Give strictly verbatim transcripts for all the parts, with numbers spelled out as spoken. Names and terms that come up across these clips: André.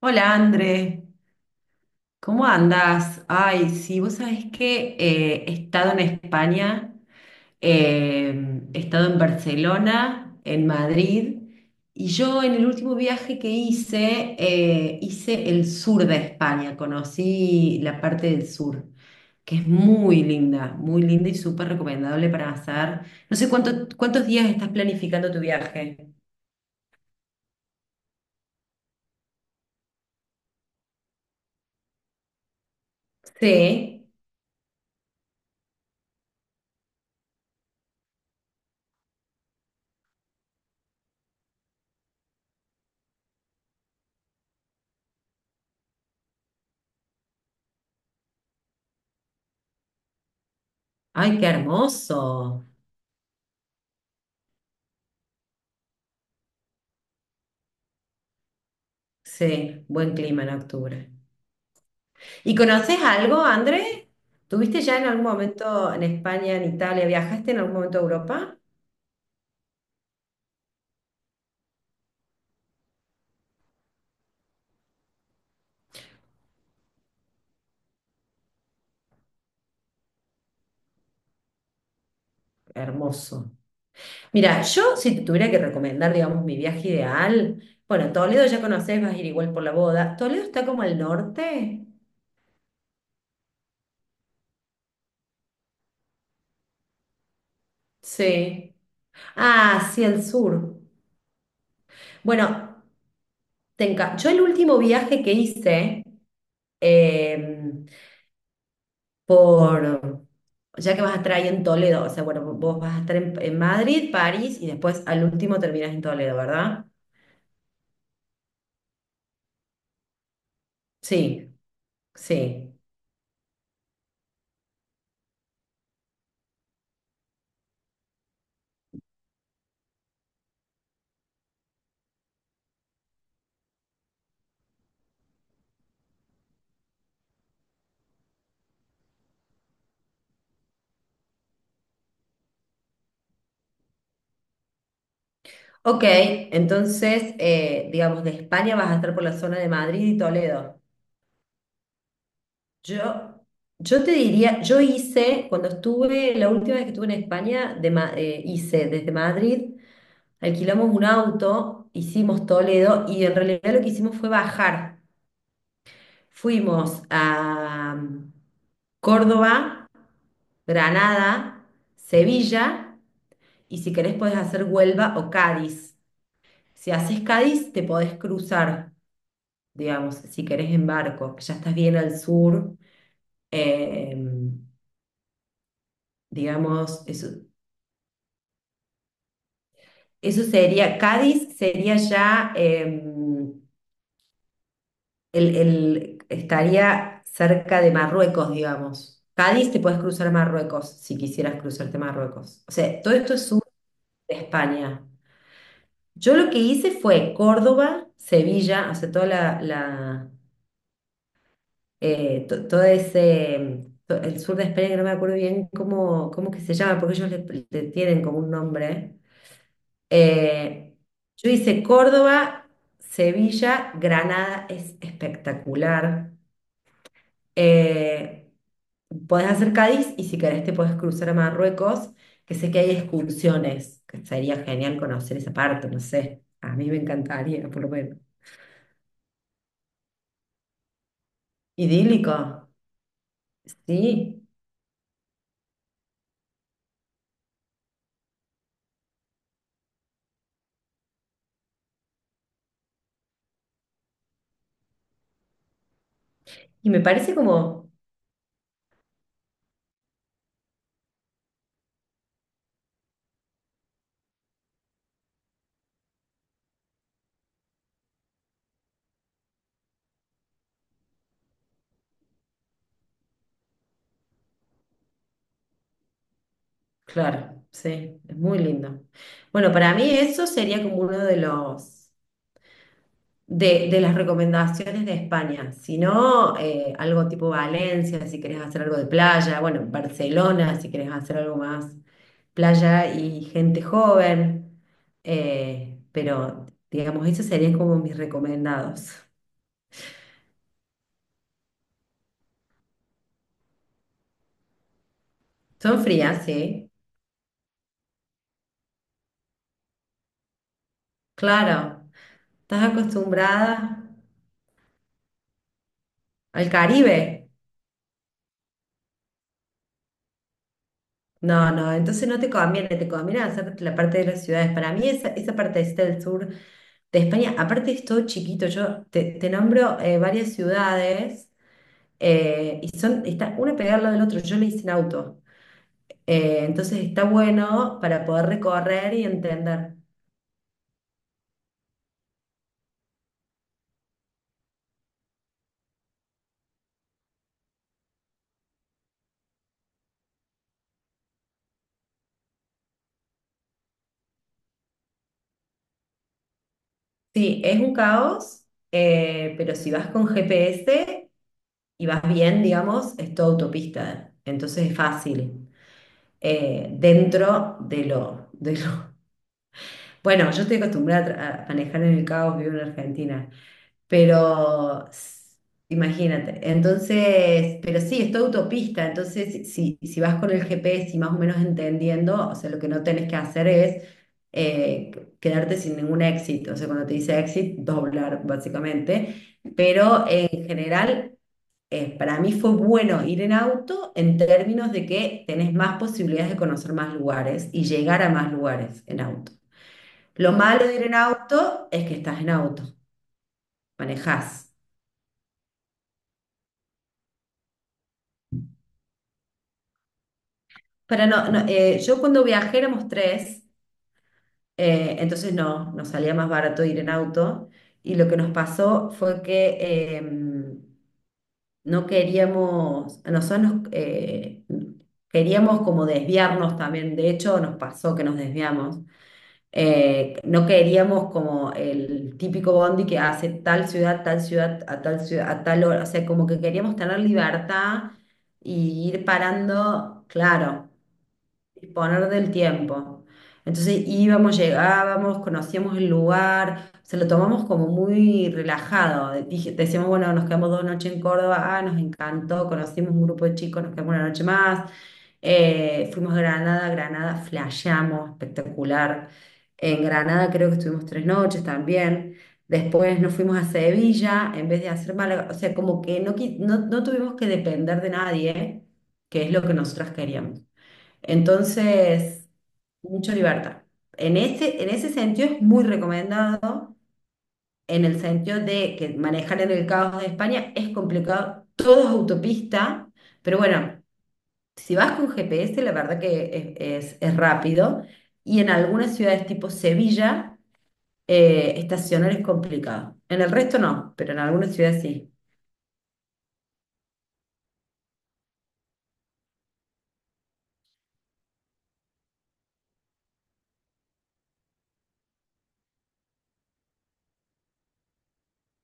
Hola André, ¿cómo andas? Ay, sí, vos sabés que eh, he estado en España, eh, he estado en Barcelona, en Madrid, y yo en el último viaje que hice, eh, hice el sur de España, conocí la parte del sur, que es muy linda, muy linda y súper recomendable para hacer. No sé cuánto- cuántos días estás planificando tu viaje. Sí, ay, qué hermoso. Sí, buen clima en octubre. ¿Y conoces algo, André? ¿Tuviste ya en algún momento en España, en Italia? ¿Viajaste en algún momento a Europa? Hermoso. Mira, yo si te tuviera que recomendar, digamos, mi viaje ideal, bueno, Toledo ya conoces, vas a ir igual por la boda. ¿Toledo está como al norte? Sí. Ah, sí, al sur. Bueno, te enca- Yo el último viaje que hice em, por, ya que vas a estar ahí en Toledo, o sea, bueno, vos vas a estar en, en Madrid, París y después al último terminas en Toledo, ¿verdad? Sí, sí. Ok, entonces, eh, digamos, de España vas a estar por la zona de Madrid y Toledo. Yo, yo te diría, yo hice, cuando estuve, la última vez que estuve en España, de, Ma- eh, hice desde Madrid, alquilamos un auto, hicimos Toledo y en realidad lo que hicimos fue bajar. Fuimos a mm, Córdoba, Granada, Sevilla y si querés podés hacer Huelva o Cádiz. Si haces Cádiz, te podés cruzar, digamos, si querés en barco, que ya estás bien al sur. eh, digamos, eso, eso sería, Cádiz sería ya... em, el, el- estaría cerca de Marruecos, digamos. Cádiz te puedes cruzar a Marruecos si quisieras cruzarte a Marruecos. O sea, todo esto es sur de España. Yo lo que hice fue Córdoba, Sevilla, o sea, toda la, la, eh, to- todo ese, to- el sur de España, que no me acuerdo bien cómo, cómo que se llama, porque ellos le, le tienen como un nombre. Eh, yo hice Córdoba, Sevilla, Granada, es espectacular. Eh, podés hacer Cádiz y si querés te podés cruzar a Marruecos, que sé que hay excursiones, que sería genial conocer esa parte, no sé. A mí me encantaría, por lo menos. Idílico, sí. Y me parece como... Claro, sí, es muy lindo. Bueno, para mí eso sería como uno de los de, de las recomendaciones de España. Si no, eh, algo tipo Valencia, si querés hacer algo de playa, bueno, Barcelona, si querés hacer algo más playa y gente joven. Eh, pero digamos, esos serían como mis recomendados. Son frías, sí, claro. ¿Estás acostumbrada al Caribe? No, no, entonces no te conviene, te conviene hacer la parte de las ciudades. Para mí esa, esa parte partecita del sur de España, aparte es todo chiquito, yo te, te nombro eh, varias ciudades eh, y son, está una pegada al lado del otro, yo le hice en auto. Eh, entonces está bueno para poder recorrer y entender. Sí, es un caos, eh, pero si vas con G P S y vas bien, digamos, es todo autopista, entonces es fácil. eh, dentro de lo, de lo... Bueno, yo estoy acostumbrada a tra- a manejar en el caos, vivo en Argentina, pero s- imagínate, entonces, pero sí, es toda autopista, entonces si, si vas con el G P S y más o menos entendiendo, o sea, lo que no tenés que hacer es eh, quedarte sin ningún exit. O sea, cuando te dice exit, doblar básicamente. Pero en general, eh, para mí fue bueno ir en auto en términos de que tenés más posibilidades de conocer más lugares y llegar a más lugares en auto. Lo malo de ir en auto es que estás en auto, manejás. Pero no, no, eh, yo cuando viajé éramos tres. Eh, entonces no, nos salía más barato ir en auto. Y lo que nos pasó fue que em, no queríamos, nosotros nos, eh, queríamos como desviarnos también, de hecho nos pasó que nos desviamos. Eh, no queríamos como el típico bondi que hace tal ciudad, tal ciudad, a tal ciudad, a tal hora, o sea, como que queríamos tener libertad y ir parando, claro, disponer del tiempo. Entonces íbamos, llegábamos, conocíamos el lugar, se lo tomamos como muy relajado. De- Dije- decíamos, bueno, nos quedamos dos noches en Córdoba, ah, nos encantó, conocimos un grupo de chicos, nos quedamos una noche más. Eh, fuimos a Granada, Granada, flasheamos, espectacular. En Granada creo que estuvimos tres noches también. Después nos fuimos a Sevilla en vez de hacer Málaga. O sea, como que no, qui- no, no tuvimos que depender de nadie, que es lo que nosotras queríamos. Entonces, mucha libertad. En ese, en ese sentido es muy recomendado, en el sentido de que manejar en el caos de España es complicado, todo es autopista, pero bueno, si vas con G P S, la verdad que es, es- es rápido, y en algunas ciudades tipo Sevilla, eh, estacionar es complicado. En el resto no, pero en algunas ciudades sí.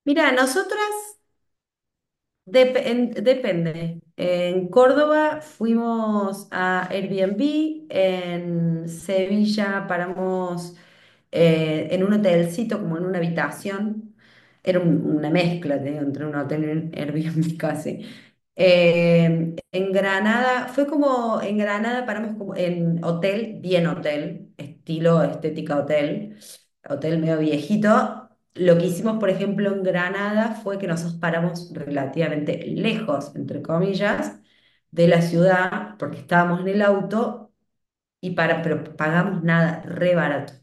Mira, nosotras Dep- en- depende. En Córdoba fuimos a Airbnb, en Sevilla paramos eh, en un hotelcito, como en una habitación. Era un- una mezcla, te digo, entre un hotel y un Airbnb casi. Eh, en Granada, fue como en Granada paramos como en hotel, bien hotel, estilo estética hotel, hotel medio viejito. Lo que hicimos, por ejemplo, en Granada fue que nosotros paramos relativamente lejos, entre comillas, de la ciudad, porque estábamos en el auto y para, pero pagamos nada, re barato.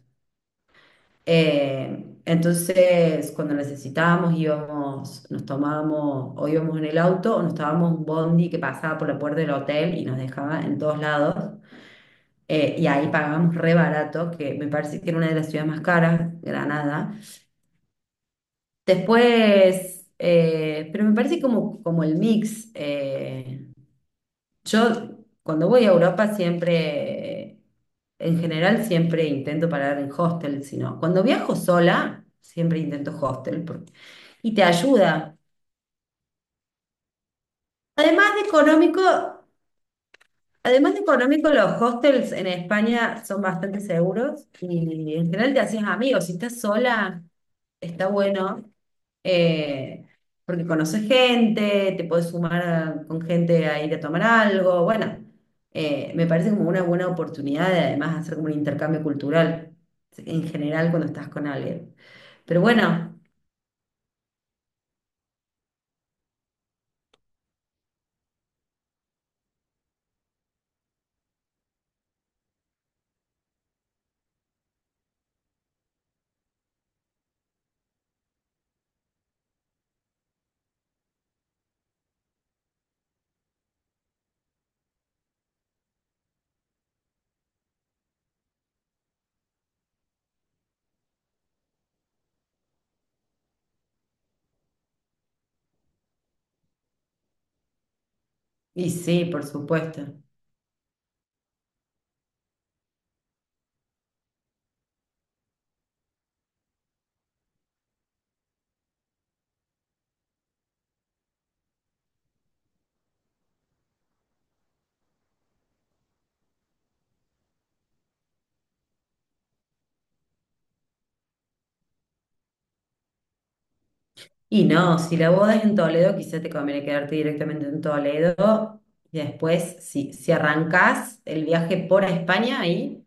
Eh, entonces, cuando necesitábamos, íbamos, nos tomábamos, o íbamos en el auto, o nos tomábamos un bondi que pasaba por la puerta del hotel y nos dejaba en todos lados. Eh, y ahí pagábamos re barato, que me parece que era una de las ciudades más caras, Granada. Después, eh, pero me parece como, como el mix. eh, yo cuando voy a Europa siempre, en general siempre intento parar en hostel, sino cuando viajo sola, siempre intento hostel. porque- y te ayuda. Además de económico, además de económico, los hostels en España son bastante seguros y en general te haces amigos. Si estás sola, está bueno eh, porque conoces gente, te puedes sumar a- con gente a ir a tomar algo. Bueno, eh, me parece como una buena oportunidad de además hacer como un intercambio cultural en general cuando estás con alguien. Pero bueno, y sí, por supuesto. Y no, si la boda es en Toledo, quizá te conviene quedarte directamente en Toledo. Y después, si, si arrancás el viaje por España, ahí,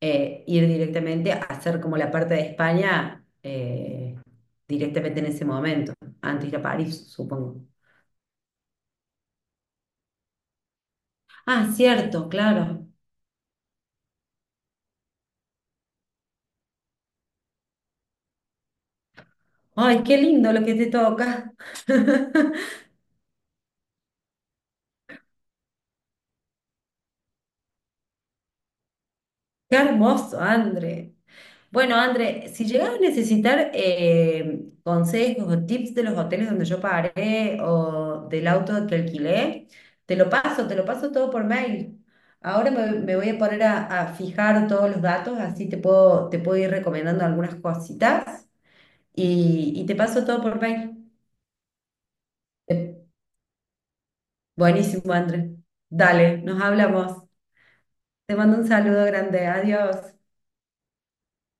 eh, ir directamente a hacer como la parte de España, eh, directamente en ese momento, antes de ir a París, supongo. Ah, cierto, claro. Ay, qué lindo lo que te toca. Qué hermoso, André. Bueno, André, si llegas a necesitar eh, consejos o tips de los hoteles donde yo paré o del auto que alquilé, te lo paso, te lo paso todo por mail. Ahora me, me voy a poner a, a fijar todos los datos, así te puedo, te puedo ir recomendando algunas cositas y, y te paso todo por mail. Eh, buenísimo, André. Dale, nos hablamos. Te mando un saludo grande. Adiós.